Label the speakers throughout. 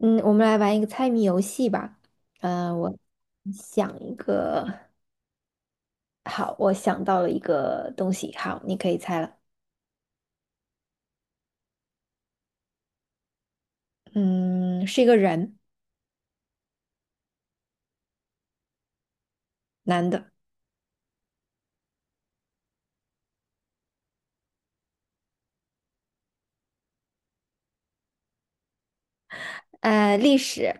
Speaker 1: 嗯，我们来玩一个猜谜游戏吧。我想一个，好，我想到了一个东西，好，你可以猜了。嗯，是一个人，男的，历史，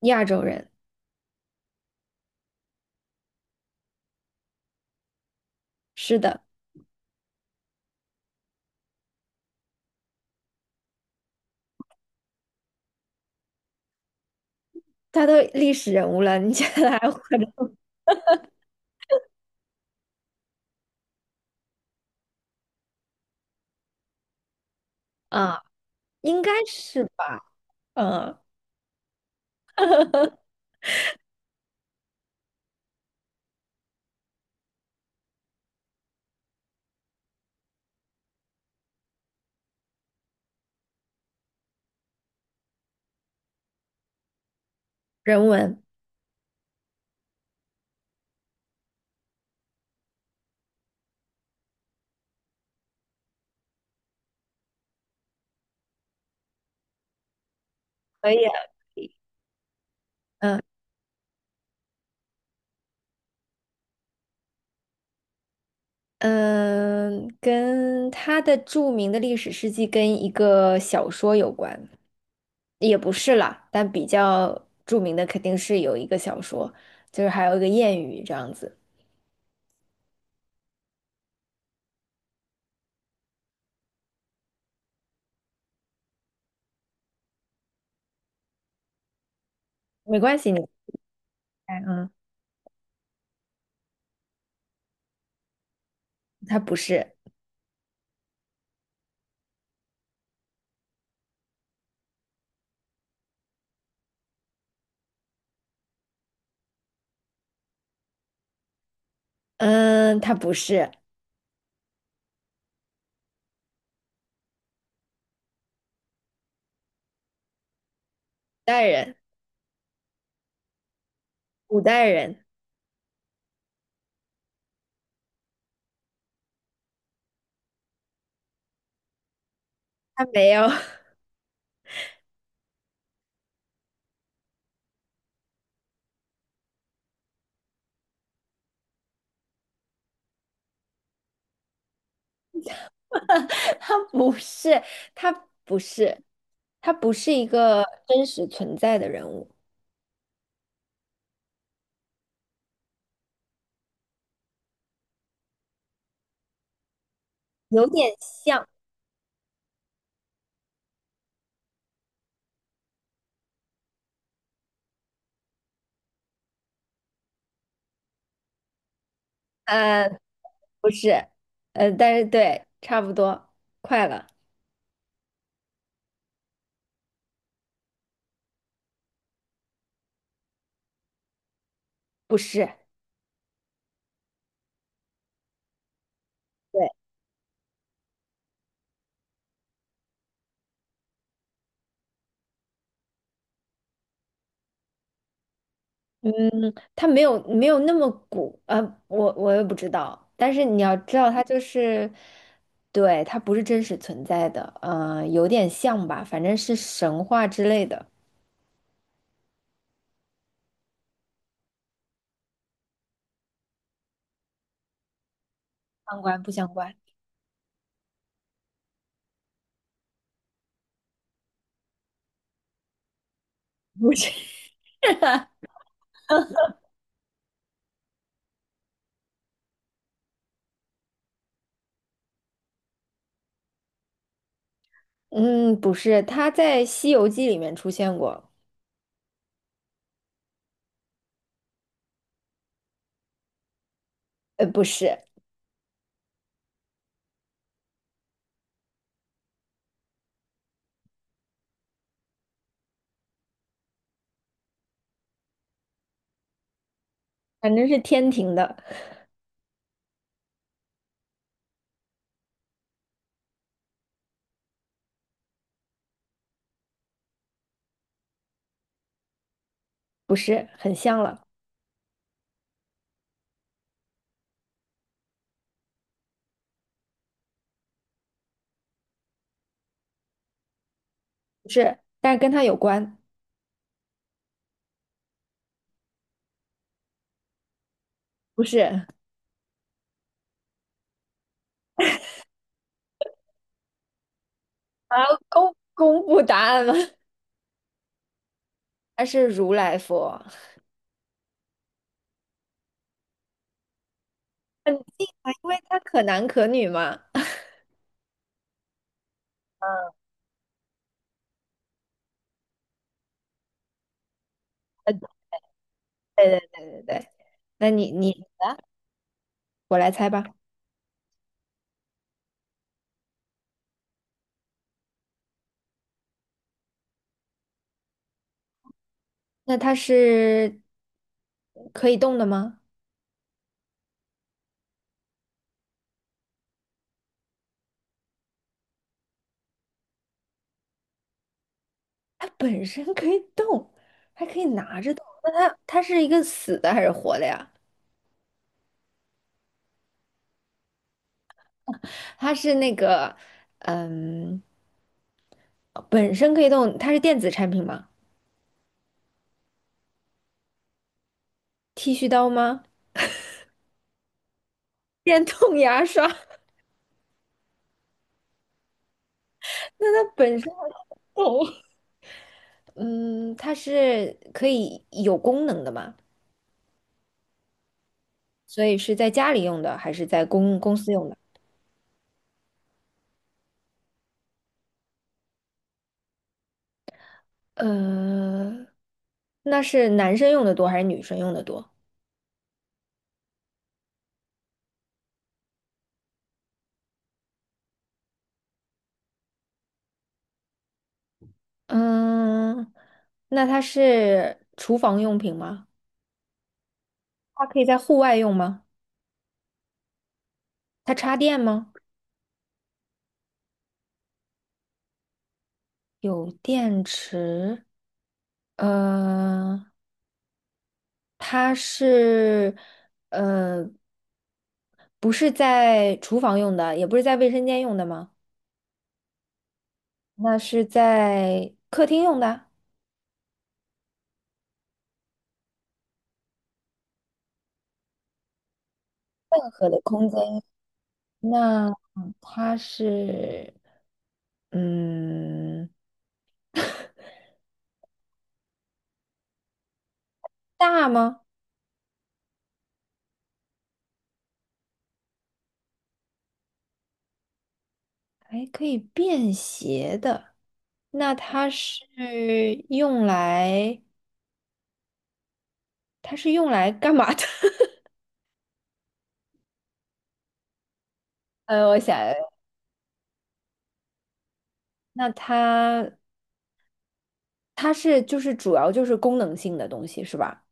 Speaker 1: 亚洲人，是的，他都历史人物了，你觉得还活着吗？啊，应该是吧？嗯，人文可以啊，可以嗯嗯，跟他的著名的历史事迹跟一个小说有关。也不是啦，但比较著名的肯定是有一个小说，就是还有一个谚语这样子。没关系，你猜嗯，他不是，嗯，他不是代人，古代人，他没有，他不是，他不是，他不是一个真实存在的人物，有点像，呃，不是，但是对，差不多，快了，不是，对，嗯，它没有没有那么古我也不知道。但是你要知道，它就是，对，它不是真实存在的，呃，有点像吧，反正是神话之类的。相关不相关？不是，嗯，不是，它在《西游记》里面出现过，不是，反正是天庭的，不是，很像了，不是，但是跟它有关，不是。啊，公公布答案了，它是如来佛，很近啊，因为它可男可女嘛。嗯，对对对对对，那你啊我来猜吧。那它是可以动的吗？它本身可以动，还可以拿着动。那它是一个死的还是活的呀？它是那个嗯，本身可以动，它是电子产品吗？剃须刀吗？电动牙刷？那它本身还可以动，嗯，它是可以有功能的吗？所以是在家里用的还是在公公司用的？呃，那是男生用的多还是女生用的多？嗯，那它是厨房用品吗？它可以在户外用吗？它插电吗？有电池。呃，它是，呃，不是在厨房用的，也不是在卫生间用的吗？那是在客厅用的，任何的空间。那它是，嗯，大吗？哎，可以便携的，那它是用来，它是用来干嘛的？我想，那它是就是主要就是功能性的东西是吧？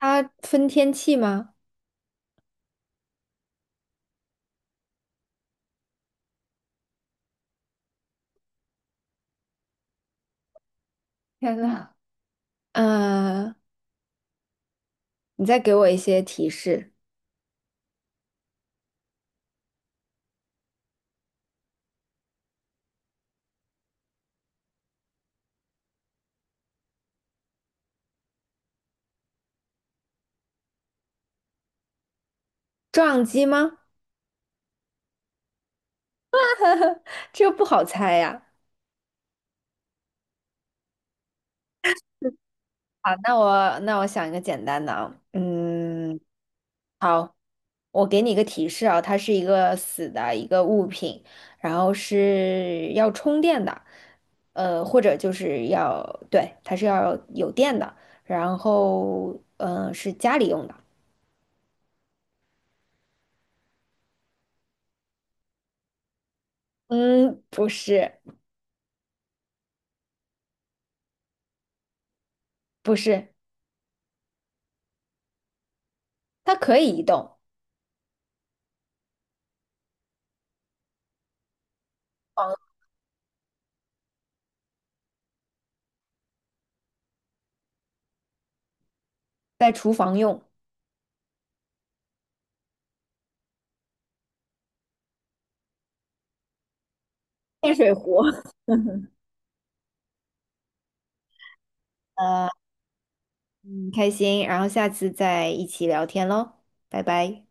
Speaker 1: 它分天气吗？天呐，呃，你再给我一些提示，撞击吗？这个不好猜呀。好，那我想一个简单的啊，嗯，好。我给你一个提示啊，它是一个死的一个物品，然后是要充电的，呃，或者就是要，对，它是要有电的，然后嗯、是家里用的，嗯，不是，不是，它可以移动，房在厨房用，电水壶。呃，很开心，然后下次再一起聊天喽，拜拜。